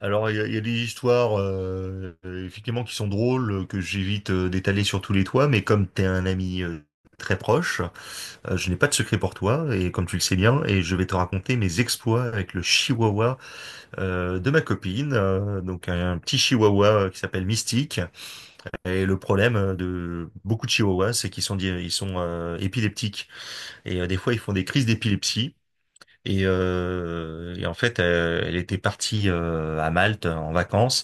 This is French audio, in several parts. Alors, il y a des histoires, effectivement, qui sont drôles, que j'évite d'étaler sur tous les toits, mais comme t'es un ami très proche, je n'ai pas de secret pour toi, et comme tu le sais bien, et je vais te raconter mes exploits avec le chihuahua de ma copine, donc un petit chihuahua qui s'appelle Mystique. Et le problème de beaucoup de chihuahuas, c'est qu'ils sont, di- ils sont épileptiques, et des fois, ils font des crises d'épilepsie. Et en fait, elle était partie à Malte en vacances.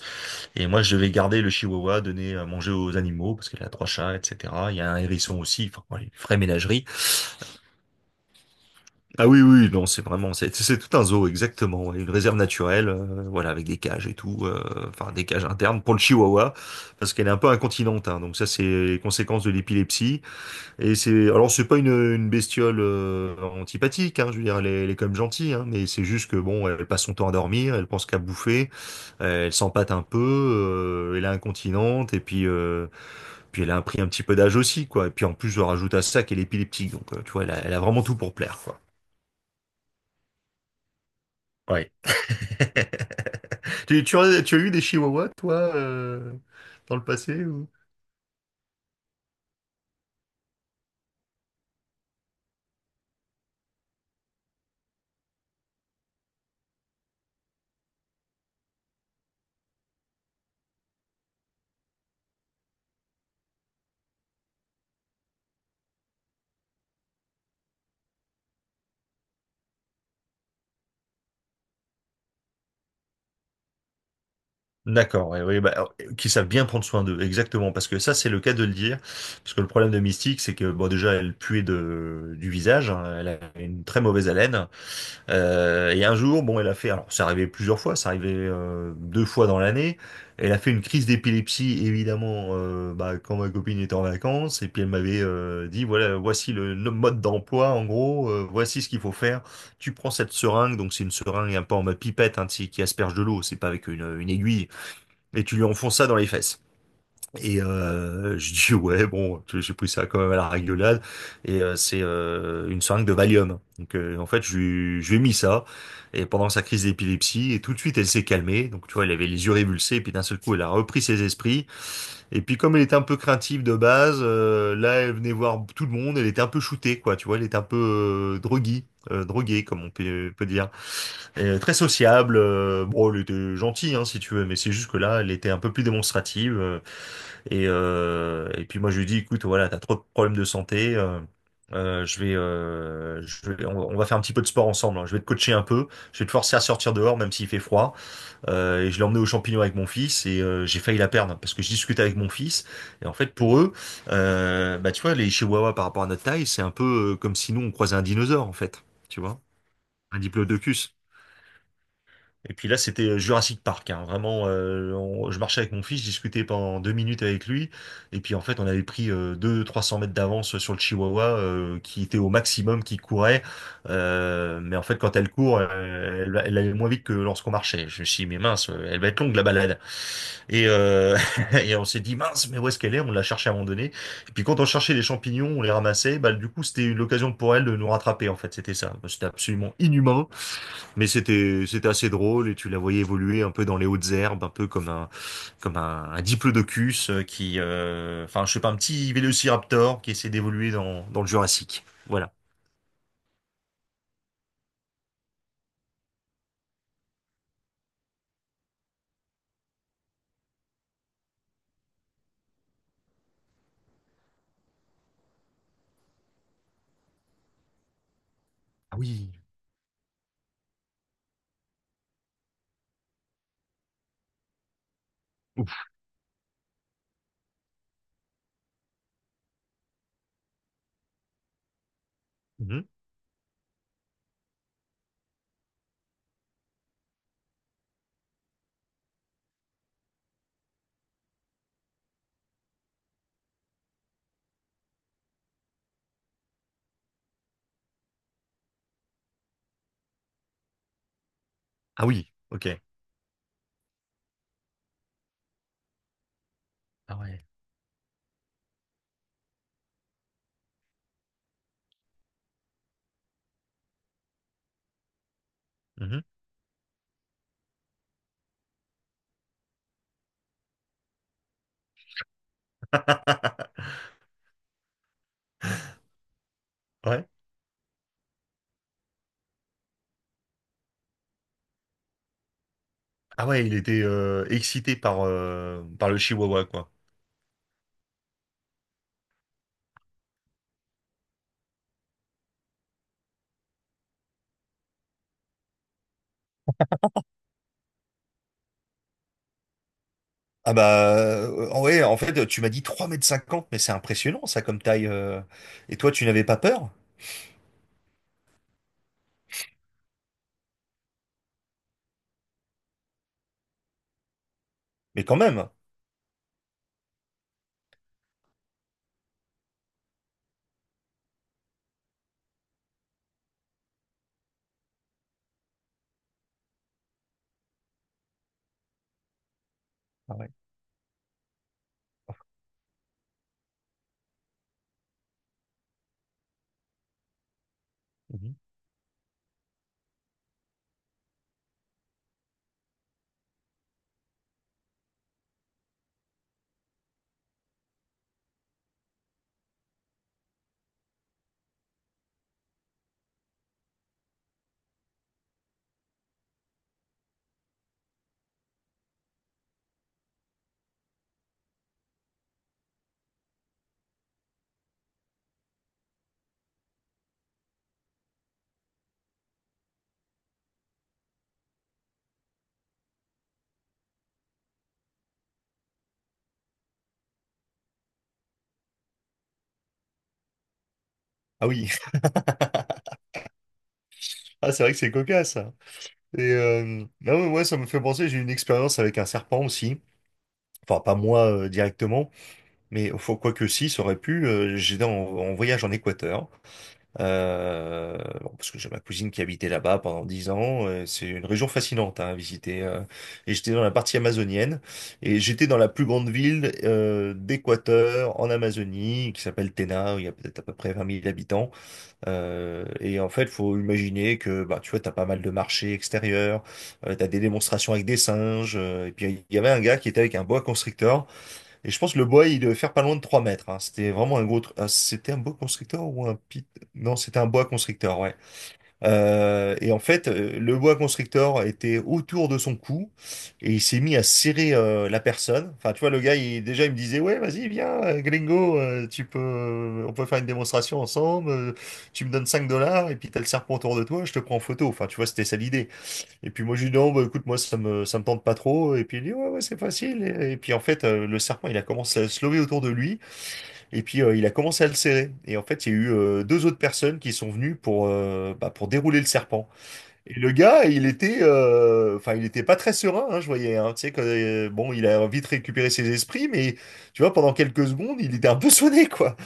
Et moi, je devais garder le chihuahua, donner à manger aux animaux, parce qu'elle a trois chats, etc. Il y a un hérisson aussi, enfin, ouais, une vraie ménagerie. Ah oui, oui, non, c'est vraiment, c'est tout un zoo, exactement. Ouais, une réserve naturelle, voilà, avec des cages et tout, enfin, des cages internes pour le chihuahua, parce qu'elle est un peu incontinente, hein, donc ça, c'est les conséquences de l'épilepsie. Et c'est, alors, c'est pas une bestiole antipathique, hein, je veux dire, elle est quand même gentille, hein, mais c'est juste que, bon, elle passe son temps à dormir, elle pense qu'à bouffer, elle s'empâte un peu, elle est incontinente, et puis. Puis elle a pris un petit peu d'âge aussi, quoi. Et puis en plus, je rajoute à ça qu'elle est épileptique. Donc, tu vois, elle a vraiment tout pour plaire, quoi. Ouais. Tu as eu des chihuahuas, toi, dans le passé ou. D'accord, oui, oui, bah, alors, qui savent bien prendre soin d'eux, exactement, parce que ça c'est le cas de le dire, parce que le problème de Mystique c'est que bon déjà elle puait du visage, hein, elle a une très mauvaise haleine, et un jour bon elle a fait, alors ça arrivait plusieurs fois, ça arrivait deux fois dans l'année, elle a fait une crise d'épilepsie évidemment bah, quand ma copine était en vacances, et puis elle m'avait dit voilà voici le mode d'emploi en gros, voici ce qu'il faut faire, tu prends cette seringue, donc c'est une seringue un peu en mode pipette hein, tu sais, qui asperge de l'eau, c'est pas avec une aiguille. Et tu lui enfonces ça dans les fesses. Et je dis ouais bon j'ai pris ça quand même à la rigolade et c'est une seringue de Valium, donc en fait je lui ai mis ça et pendant sa crise d'épilepsie et tout de suite elle s'est calmée donc tu vois elle avait les yeux révulsés et puis d'un seul coup elle a repris ses esprits et puis comme elle était un peu craintive de base, là elle venait voir tout le monde, elle était un peu shootée quoi, tu vois, elle était un peu droguée, droguée comme on peut dire. Et très sociable, bon, elle était gentille, hein, si tu veux, mais c'est juste que là, elle était un peu plus démonstrative. Et puis moi, je lui dis, écoute, voilà, t'as trop de problèmes de santé. Je vais, on va faire un petit peu de sport ensemble. Hein. Je vais te coacher un peu. Je vais te forcer à sortir dehors, même s'il fait froid. Et je l'ai emmené aux champignons avec mon fils et j'ai failli la perdre parce que je discute avec mon fils. Et en fait, pour eux, bah tu vois, les Chihuahuas par rapport à notre taille, c'est un peu comme si nous on croisait un dinosaure en fait. Tu vois, un diplodocus. Et puis là, c'était Jurassic Park, hein. Vraiment, je marchais avec mon fils, je discutais pendant 2 minutes avec lui, et puis en fait, on avait pris 200, 300 mètres d'avance sur le Chihuahua, qui était au maximum, qui courait, Mais en fait, quand elle court, elle allait moins vite que lorsqu'on marchait. Je me suis dit, mais mince, elle va être longue la balade. Et et on s'est dit, mince, mais où est-ce qu'elle est? On l'a cherchée à un moment donné. Et puis quand on cherchait les champignons, on les ramassait, bah, du coup, c'était l'occasion pour elle de nous rattraper, en fait, c'était ça. C'était absolument inhumain. Mais c'était assez drôle et tu la voyais évoluer un peu dans les hautes herbes, un peu comme un diplodocus qui, enfin je sais pas, un petit vélociraptor qui essaie d'évoluer dans le Jurassique. Voilà. Ah oui. Ouf. Mhm. Ah oui, ok. Ah ouais. Mhm. Ouais. Ah ouais, il était excité par le Chihuahua quoi. Ah bah, ouais, en fait, tu m'as dit 3,50 mètres, mais c'est impressionnant ça comme taille. Et toi, tu n'avais pas peur? Mais quand même. Ah ouais. Mhm. Ah oui. Ah, c'est vrai que c'est cocasse, ça. Et non, mais ouais, ça me fait penser, j'ai eu une expérience avec un serpent aussi. Enfin, pas moi directement, mais faut, quoi que si, ça aurait pu. J'étais en, en voyage en Équateur, bon, parce que j'ai ma cousine qui habitait là-bas pendant 10 ans. C'est une région fascinante hein, à visiter. Et j'étais dans la partie amazonienne, et j'étais dans la plus grande ville d'Équateur, en Amazonie, qui s'appelle Tena, où il y a peut-être à peu près 20 000 habitants. Et en fait, faut imaginer que bah tu vois, t'as pas mal de marchés extérieurs, t'as des démonstrations avec des singes. Et puis il y avait un gars qui était avec un boa constrictor. Et je pense que le boa il devait faire pas loin de 3 mètres. Hein. C'était vraiment un gros. Ah, c'était un boa constrictor ou un pit? Non, c'était un boa constrictor. Ouais. Et en fait, le boa constrictor était autour de son cou et il s'est mis à serrer la personne. Enfin, tu vois, le gars, il, déjà, il me disait, ouais, vas-y, viens, gringo, tu peux, on peut faire une démonstration ensemble. Tu me donnes 5 dollars et puis t'as le serpent autour de toi, je te prends en photo. Enfin, tu vois, c'était ça l'idée. Et puis moi, je lui dis, non, bah, écoute, moi, ça me tente pas trop. Et puis il dit, ouais, ouais, c'est facile. Et puis en fait, le serpent, il a commencé à se lever autour de lui. Et puis il a commencé à le serrer. Et en fait, il y a eu deux autres personnes qui sont venues pour, bah, pour dérouler le serpent. Et le gars, il était, enfin, il était pas très serein, hein, je voyais. Hein. Tu sais, que, bon, il a vite récupéré ses esprits, mais tu vois, pendant quelques secondes, il était un peu sonné, quoi.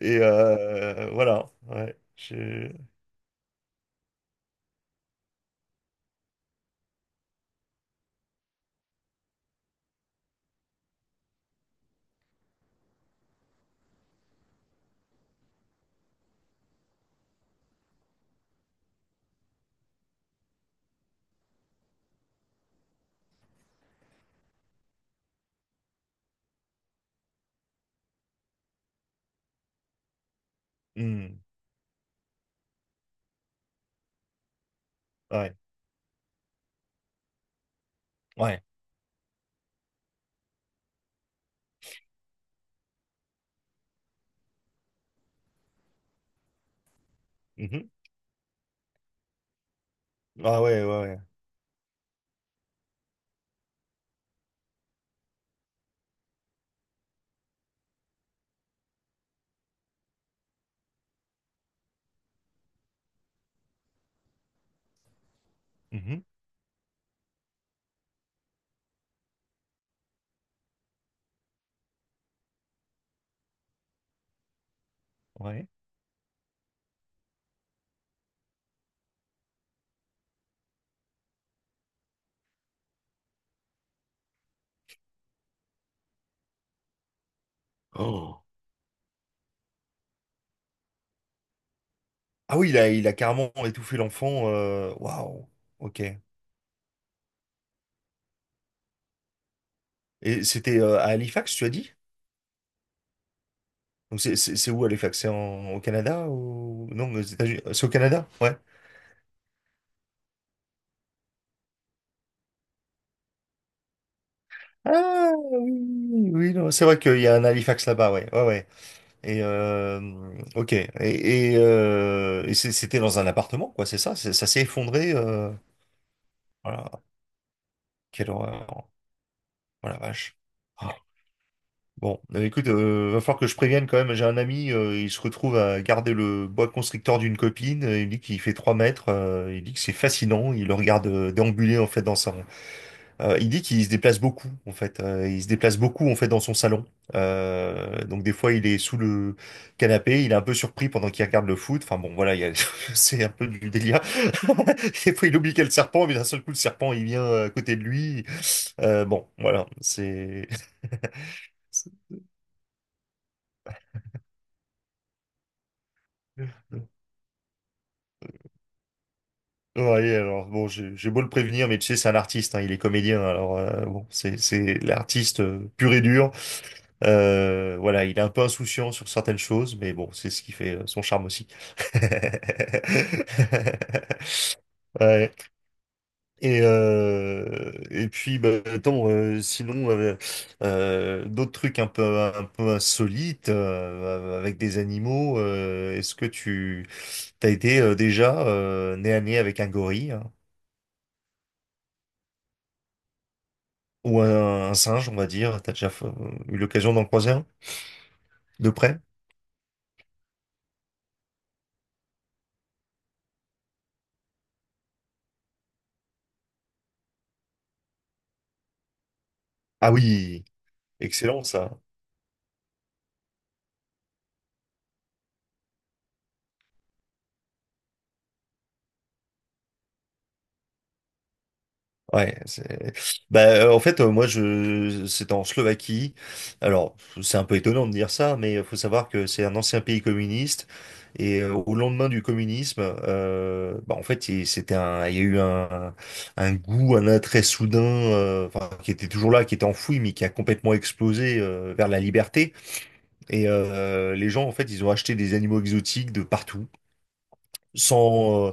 Et voilà. Ouais. Hmm. Ouais. Ouais. Mhm. Ah ouais, ouais, ouais. Mhm. Ouais. Oh. Ah oui, il a carrément étouffé l'enfant. Waouh. Ok. Et c'était à Halifax, tu as dit? Donc c'est c'est où Halifax? C'est au Canada ou non, aux États-Unis? C'est au Canada? Ouais. Ah oui, oui, oui, oui, non, c'est vrai qu'il y a un Halifax là-bas, ouais, ouais, ouais. Et ok. Et c'était dans un appartement, quoi, c'est ça? Ça s'est effondré. Voilà, quelle horreur. Oh la vache. Ah. Bon, écoute, va falloir que je prévienne quand même. J'ai un ami, il se retrouve à garder le bois constrictor d'une copine. Il dit qu'il fait 3 mètres. Il dit que c'est fascinant. Il le regarde déambuler en fait dans sa Il dit qu'il se déplace beaucoup en fait. Il se déplace beaucoup en fait dans son salon. Donc des fois il est sous le canapé, il est un peu surpris pendant qu'il regarde le foot. Enfin bon voilà, c'est un peu du délire. Des fois il oublie qu'il y a le serpent, mais d'un seul coup le serpent il vient à côté de lui. Bon voilà, c'est. Ouais, alors bon, j'ai beau le prévenir, mais tu sais, c'est un artiste, hein, il est comédien, alors bon, c'est l'artiste pur et dur. Voilà, il est un peu insouciant sur certaines choses, mais bon, c'est ce qui fait son charme aussi. Ouais. Attends, sinon d'autres trucs un peu insolites avec des animaux. Est-ce que tu t'as été déjà nez à nez avec un gorille? Hein? Ou un singe, on va dire. Eu l'occasion d'en croiser un de près? Ah oui, excellent ça. Ouais, c'est... Bah, en fait, moi, je... C'est en Slovaquie. Alors, c'est un peu étonnant de dire ça, mais il faut savoir que c'est un ancien pays communiste. Et au lendemain du communisme, bah, en fait, c'était un... Il y a eu un goût, un attrait soudain, enfin, qui était toujours là, qui était enfoui, mais qui a complètement explosé vers la liberté. Et les gens, en fait, ils ont acheté des animaux exotiques de partout, sans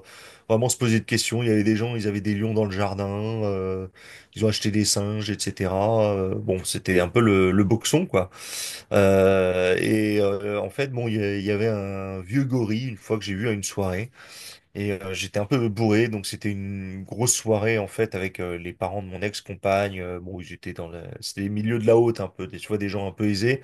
vraiment se poser de questions. Il y avait des gens, ils avaient des lions dans le jardin, euh, ils ont acheté des singes, etc. Bon, c'était un peu le boxon, quoi. En fait, bon, il y avait un vieux gorille, une fois que j'ai vu à une soirée, et j'étais un peu bourré, donc c'était une grosse soirée, en fait, avec les parents de mon ex-compagne. Bon, ils étaient dans la... C'était les milieux de la haute, un peu, des, tu vois, des gens un peu aisés.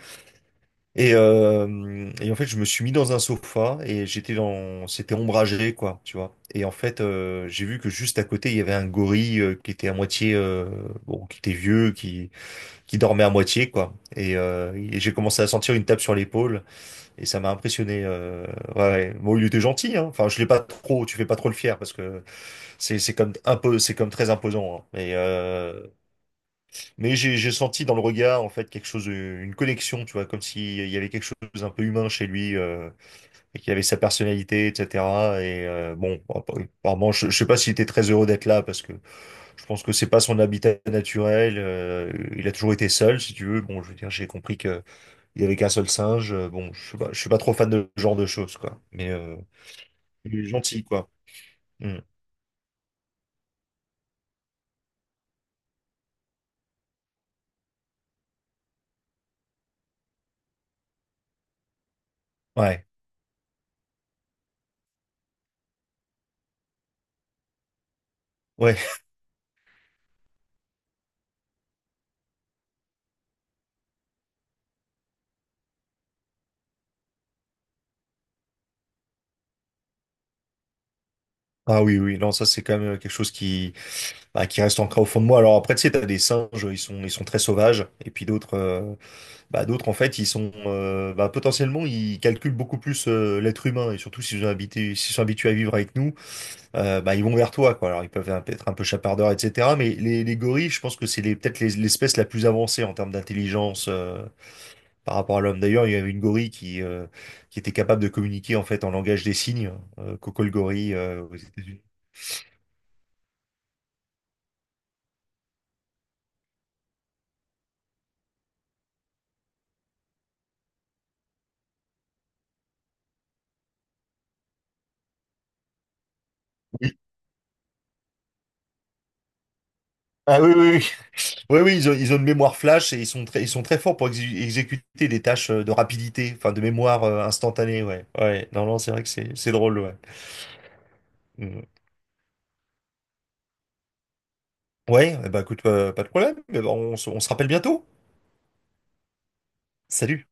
Et en fait, je me suis mis dans un sofa et j'étais dans, c'était ombragé, quoi, tu vois. Et en fait, j'ai vu que juste à côté, il y avait un gorille qui était à moitié, bon, qui était vieux, qui dormait à moitié, quoi. Et j'ai commencé à sentir une tape sur l'épaule et ça m'a impressionné. Ouais, ouais. Bon, il était gentil, hein. Enfin, je l'ai pas trop, tu fais pas trop le fier parce que c'est comme un peu, c'est comme très imposant. Hein. Mais j'ai senti dans le regard, en fait, quelque chose, une connexion, tu vois, comme s'il y avait quelque chose un peu humain chez lui, et qu'il avait sa personnalité, etc. Et euh, bon, bah, bah, apparemment, je sais pas s'il était très heureux d'être là, parce que je pense que c'est pas son habitat naturel. Il a toujours été seul, si tu veux. Bon, je veux dire, j'ai compris qu'il y avait qu'un seul singe. Bon, je suis pas trop fan de ce genre de choses, quoi. Mais il est gentil, quoi. Mm. Ouais, ouais. Ah oui, oui. Non, ça c'est quand même quelque chose qui bah, qui reste ancré au fond de moi. Alors après, tu sais, t'as des singes, ils sont très sauvages, et puis d'autres, d'autres en fait, potentiellement, ils calculent beaucoup plus l'être humain, et surtout s'ils sont habitués à vivre avec nous, bah, ils vont vers toi, quoi. Alors ils peuvent être un peu chapardeurs, etc. Mais les gorilles, je pense que c'est peut-être l'espèce la plus avancée en termes d'intelligence. Par rapport à l'homme. D'ailleurs, il y avait une gorille qui était capable de communiquer en fait en langage des signes, Coco le gorille aux États-Unis. Oui. Ah oui, oui, oui, oui, ils ont une mémoire flash et ils sont très forts pour exécuter des tâches de rapidité, enfin de mémoire instantanée, ouais. Ouais, non, non, c'est vrai que c'est drôle, ouais. Mm. Ouais, eh ben, écoute, pas de problème. Eh ben, on se rappelle bientôt. Salut.